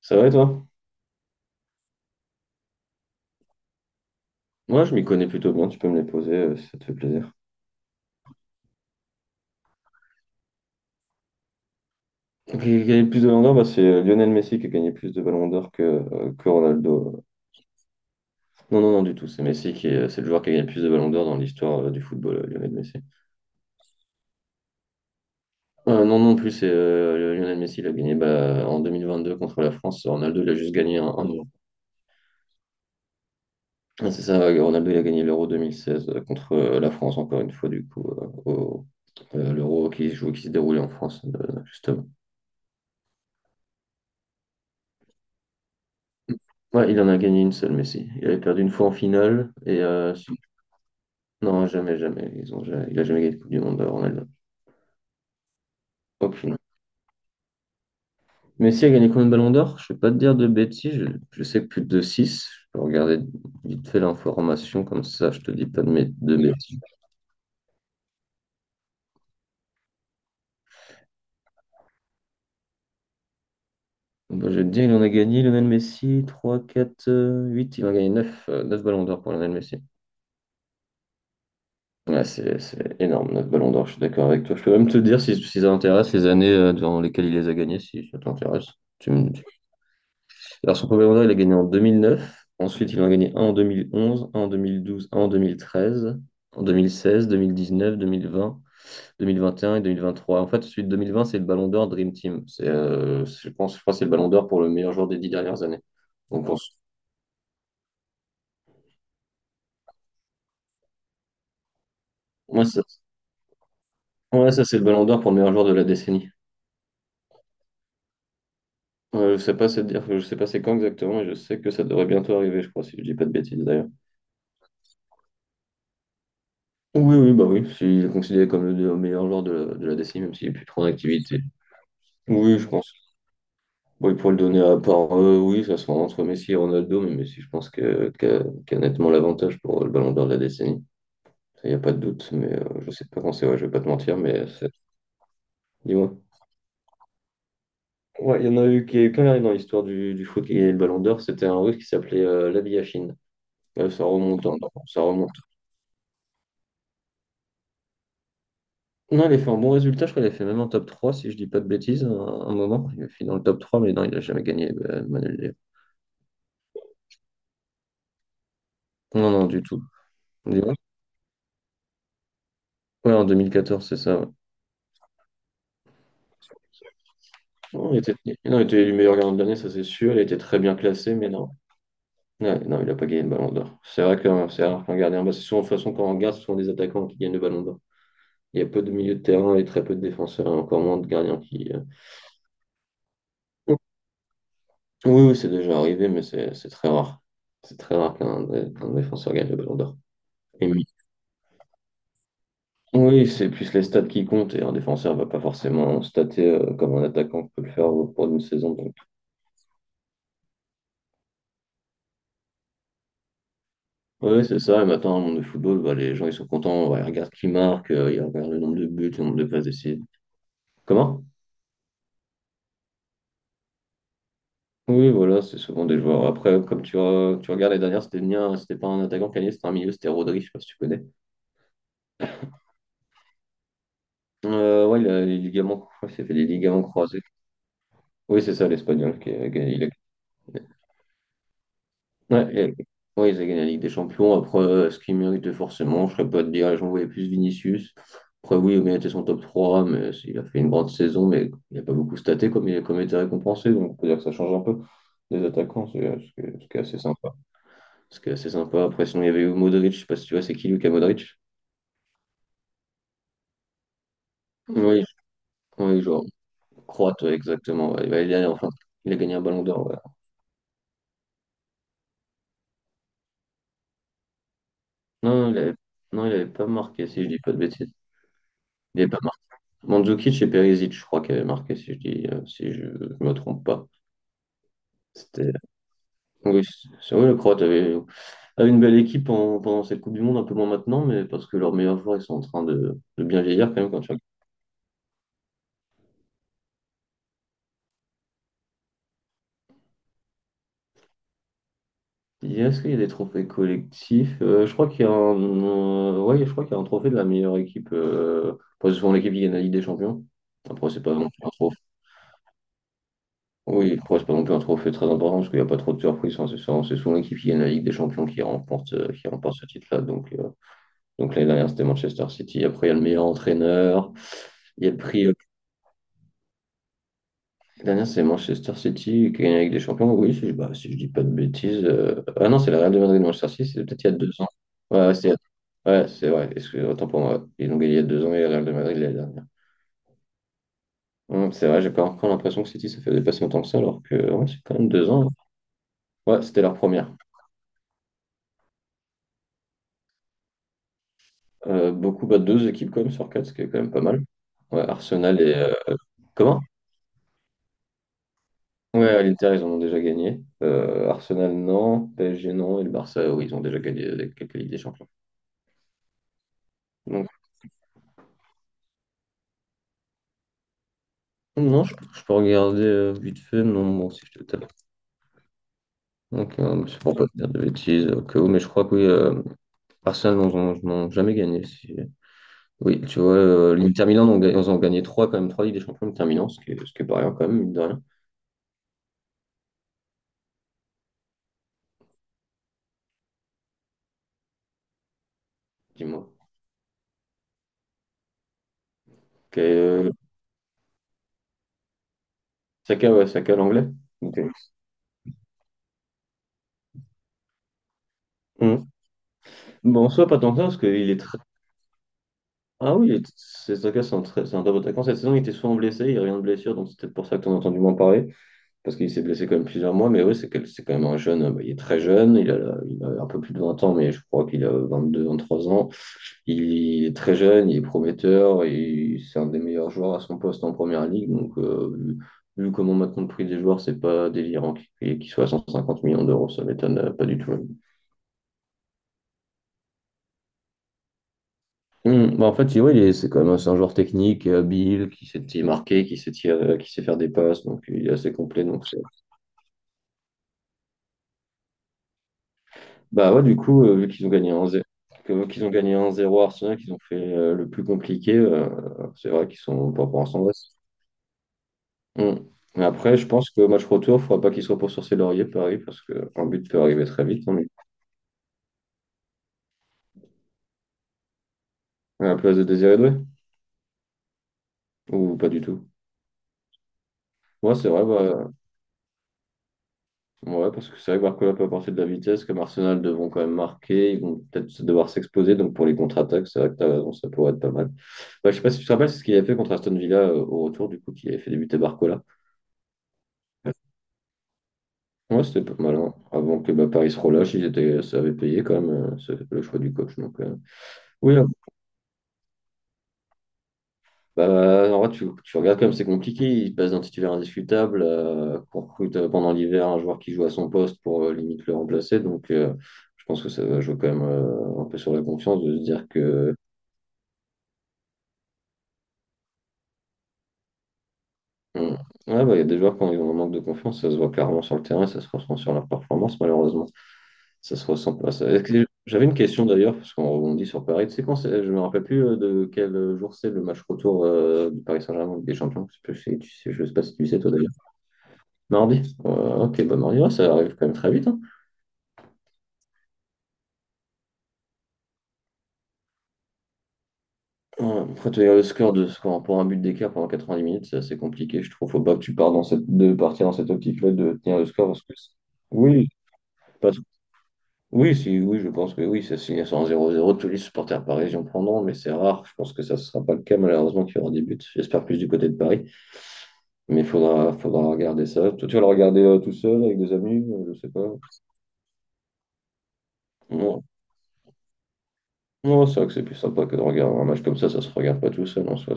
Ça va et toi? Moi, je m'y connais plutôt bien. Tu peux me les poser si ça te fait plaisir. Qui a gagné le plus de ballons d'or? Bah, c'est Lionel Messi qui a gagné plus de ballons d'or que Ronaldo. Non, non, non, du tout. C'est Messi qui est, c'est le joueur qui a gagné le plus de ballons d'or dans l'histoire du football, Lionel Messi. Non, non plus. C'est Lionel Messi. Il a gagné bah, en 2022 contre la France. Ronaldo, il a juste gagné un euro. Ah, c'est ça, ouais, Ronaldo, il a gagné l'Euro 2016 contre la France, encore une fois, du coup, l'Euro qui se joue, qui se déroulait en France, justement. Ouais, il en a gagné une seule, Messi. Il avait perdu une fois en finale. Non, jamais, jamais. Ils ont jamais- Il a jamais gagné de Coupe du Monde, Ronaldo. Aucune. Messi a gagné combien de ballons d'or? Je ne vais pas te dire de bêtises. Je sais que plus de 6. Je vais regarder vite fait l'information, comme ça, je te dis pas de bêtises. Bon, bah, je vais te dire, il en a gagné, Lionel Messi, 3, 4, 8. Il en a gagné 9 ballons d'or pour Lionel Messi. Ouais, c'est énorme, neuf ballons d'or, je suis d'accord avec toi. Je peux même te dire si ça t'intéresse les années dans lesquelles il les a gagnés, si ça t'intéresse. Tu me, Alors, son premier Mondial, il a gagné en 2009. Ensuite, il en a gagné un en 2011, un en 2012, un en 2013, en 2016, 2019, 2020, 2021 et 2023. En fait, celui de 2020, c'est le Ballon d'Or Dream Team. Je pense, je crois que c'est le Ballon d'Or pour le meilleur joueur des 10 dernières années. Donc, on s- ouais, ça, ouais, ça, c'est le Ballon d'Or pour le meilleur joueur de la décennie. Je sais pas, c'est dire, je sais pas c'est quand exactement, et je sais que ça devrait bientôt arriver, je crois, si je dis pas de bêtises d'ailleurs. Oui, oui, bah oui, il est considéré comme le meilleur joueur de la décennie, même s'il est plus trop en activité. Oui, je pense. Oui, pour le donner à part, oui, ça sera entre Messi et Ronaldo, mais Messi, je pense qu'a nettement l'avantage pour le ballon d'or de la décennie. Il n'y a pas de doute, mais je sais pas quand c'est, ouais, je vais pas te mentir, dis-moi. Ouais, il y en a eu qui est quand même dans l'histoire du foot qui a gagné le ballon d'or, c'était un russe qui s'appelait Labiachine. Ça remonte, hein, non, ça remonte. Non, il a fait un bon résultat, je crois qu'il a fait même un top 3, si je dis pas de bêtises, un moment. Il a fini dans le top 3, mais non, il a jamais gagné, Manuel Neuer. Non, non, du tout. Dis-moi. Ouais, en 2014, c'est ça. Ouais. Non, il était, non, il était élu meilleur gardien de l'année, ça c'est sûr. Il était très bien classé, mais non. Ouais, non, il n'a pas gagné le ballon d'or. C'est vrai que c'est rare qu'un gardien. Bah, c'est souvent, de toute façon, quand on regarde, ce sont des attaquants qui gagnent le ballon d'or. Il y a peu de milieux de terrain et très peu de défenseurs, et encore moins de gardiens qui. Oui, oui, c'est déjà arrivé, mais c'est très rare. C'est très rare qu'un défenseur gagne le ballon d'or. Et oui, oui, c'est plus les stats qui comptent, et un défenseur ne va pas forcément stater comme un attaquant peut le faire au cours d'une saison. Ouais, ouais, c'est ça. Et maintenant, dans le monde de football, bah, les gens ils sont contents. Ouais, ils regardent qui marque, ils regardent le nombre de buts, le nombre de passes décisives. Comment? Oui, voilà, c'est souvent des joueurs. Après, comme tu regardes les dernières, c'était pas un attaquant qui a gagné, c'était un milieu, c'était Rodri, je sais pas si tu connais. Ouais, il a les ligaments, il s'est fait des ligaments croisés. Oui, c'est ça, l'Espagnol qui a gagné. Ouais, ouais, ils ont gagné la Ligue des Champions. Après, est-ce qu'ils méritaient forcément? Je ne serais pas te dire, j'en voyais plus Vinicius. Après, oui, il méritait son top 3, mais il a fait une grande saison, mais il n'a pas beaucoup staté comme il était récompensé. Donc, on peut dire que ça change un peu des attaquants, ce qui est assez sympa. Ce qui est assez sympa. Après, sinon, il y avait eu Modric, je sais pas si tu vois, c'est qui Luka Modric? Oui, oui, genre, croate, ouais, exactement. Ouais. Bah, il a, enfin, il a gagné un ballon d'or. Ouais. Non, il avait, non, il avait pas marqué, si je dis pas de bêtises. Il avait pas Mandzukic et Perisic, je crois, qui avaient marqué, si je dis, si je ne me trompe pas. C'était, oui, c'est vrai, le Croate avait une belle équipe pendant cette Coupe du Monde, un peu moins maintenant, mais parce que leurs meilleurs joueurs, ils sont en train de bien vieillir quand même. Quand tu regardes. Est-ce qu'il y a des trophées collectifs? Je crois qu'il y a ouais, je crois qu'il y a un trophée de la meilleure équipe. Parce que souvent l'équipe qui gagne la Ligue des Champions. Après, c'est pas non plus un trophée. Oui, après, c'est pas non plus un trophée très important parce qu'il n'y a pas trop de surprises, hein. C'est souvent l'équipe qui gagne la Ligue des Champions qui remporte ce titre-là. Donc l'année dernière, c'était Manchester City. Après, il y a le meilleur entraîneur. Il y a le prix. L'année dernière, c'est Manchester City qui a gagné avec des champions. Oui, si je, bah, si je dis pas de bêtises. Ah non, c'est la Real de Madrid de Manchester City, c'est peut-être il y a 2 ans. Ouais, ouais, c'est vrai. Excusez, autant pour moi. Ils ont gagné il y a 2 ans et la Real de Madrid l'année dernière. C'est vrai, j'ai pas encore l'impression que City ça fait dépasser autant que ça, alors que ouais, c'est quand même 2 ans, hein. Ouais, c'était leur première. Beaucoup, bah, deux équipes quand même sur quatre, ce qui est quand même pas mal. Ouais, Arsenal et. Comment? Ouais, l'Inter, ils en ont déjà gagné. Arsenal, non. PSG, non. Et le Barça, oui, ils ont déjà gagné avec quelques Ligues des Champions. Donc, non, je peux regarder vite fait. Non, moi aussi, je te tape. Donc, mais c'est pour pas te dire de bêtises au cas où, mais je crois que oui, Arsenal, ils n'ont jamais gagné. Si-. Oui, tu vois, l'Inter Milan, ils ont gagné trois, quand même, trois Ligues des Champions, l'Inter Milan, ce qui est pas rien, quand même, mine de rien. Dis-moi. Ok, Saka, ouais, Saka, l'anglais. Ok. Mhm. Bon, en soi, pas tant que ça, parce qu'il est, tr-. Ah oui, Sesaka, c'est un très bon attaquant. Cette saison, il était souvent blessé, il n'y a revient de blessure, donc c'est peut-être pour ça que tu en as entendu moins parler, parce qu'il s'est blessé quand même plusieurs mois, mais oui, c'est quand même un jeune, bah, il est très jeune, il a un peu plus de 20 ans, mais je crois qu'il a 22, 23 ans. Il est très jeune, il est prometteur, et c'est un des meilleurs joueurs à son poste en première ligue, donc vu comment maintenant le prix des joueurs, c'est pas délirant qu'il soit à 150 millions d'euros, ça m'étonne pas du tout. Hmm, bah en fait, oui, c'est quand même un joueur technique, et habile, marquer, qui sait tirer, qui sait faire des passes, donc il est assez complet. Donc c'est-. Bah ouais, du coup, vu qu'ils ont gagné 1-0 à Arsenal, qu'ils ont fait le plus compliqué, c'est vrai qu'ils sont pas pour l'instant. Ouais. Hmm. Mais après, je pense que match retour, il faudra pas qu'ils se reposent sur ses lauriers, Paris, parce qu'un but peut arriver très vite, hein, mais à la place de Désiré Doué, ou pas du tout. Ouais, c'est vrai, bah, ouais, parce que c'est vrai que Barcola peut apporter de la vitesse, comme Arsenal devront quand même marquer, ils vont peut-être devoir s'exposer, donc pour les contre-attaques, c'est vrai que t'as raison, ça pourrait être pas mal. Bah, je sais pas si tu te rappelles, c'est ce qu'il avait fait contre Aston Villa au retour, du coup, qui avait fait débuter Barcola. Ouais, c'était pas mal, hein. Avant que bah, Paris se relâche, ils étaient, ça avait payé quand même, ça avait fait le choix du coach. Donc, oui, bah, en vrai, tu regardes comme c'est compliqué. Il passe d'un titulaire indiscutable, qu'on recrute pendant l'hiver un joueur qui joue à son poste pour limite le remplacer. Donc, je pense que ça va jouer quand même un peu sur la confiance de se dire que. Hmm. Ouais, bah, il y a des joueurs quand ils ont un manque de confiance, ça se voit clairement sur le terrain, ça se ressent sur leur performance, malheureusement. Ça se ressent pas. Ça. J'avais une question d'ailleurs, parce qu'on rebondit sur Paris. Tu sais je me rappelle plus de quel jour c'est le match retour du Paris Saint-Germain en Ligue des Champions. Je sais pas si tu sais, toi. Mardi? Ouais, ok, bah mardi, ouais, ça arrive quand même très vite, hein. Ouais, après, tenir le score pour un but d'écart pendant 90 minutes, c'est assez compliqué, je trouve. Faut pas que tu pars de partir dans cette optique-là de tenir le score parce que c'est- oui, parce- oui, si, oui, je pense que oui, ça signe sur un zéro. 0 tous les supporters parisiens prendront, mais c'est rare. Je pense que ça ne sera pas le cas, malheureusement, qu'il y aura des buts. J'espère plus du côté de Paris, mais il faudra, faudra regarder ça. Toi, tu vas le regarder tout seul avec des amis, je sais pas. Non, non, c'est vrai que c'est plus sympa que de regarder un match comme ça se regarde pas tout seul en soi.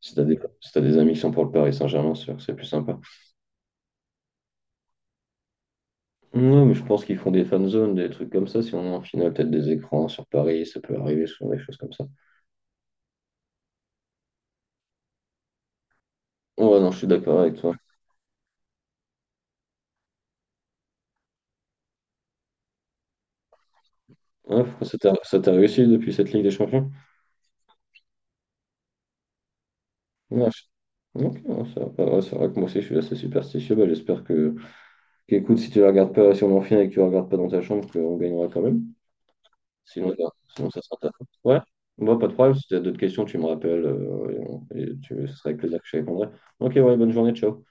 Si t'as des, si t'as des amis qui sont pour le Paris Saint-Germain, c'est sûr que c'est plus sympa. Non, mais je pense qu'ils font des fan zones, des trucs comme ça. Si on a en finale, peut-être des écrans sur Paris, ça peut arriver, souvent des choses comme ça. Ouais, non, je suis d'accord avec toi. Ouais, pourquoi ça t'a réussi depuis cette Ligue des Champions? Ouais, ok, non, ça va pas. Ouais, c'est vrai que moi aussi, je suis assez superstitieux. Bah, j'espère qu'écoute, si tu la regardes pas, si on est en finale et que tu la regardes pas dans ta chambre, qu'on gagnera quand même. Sinon, ça- sinon ça sera ta faute. Ouais, moi, pas de problème. Si tu as d'autres questions, tu me rappelles et tu, ce serait avec plaisir que je te répondrai. Ok, ouais, bonne journée, ciao.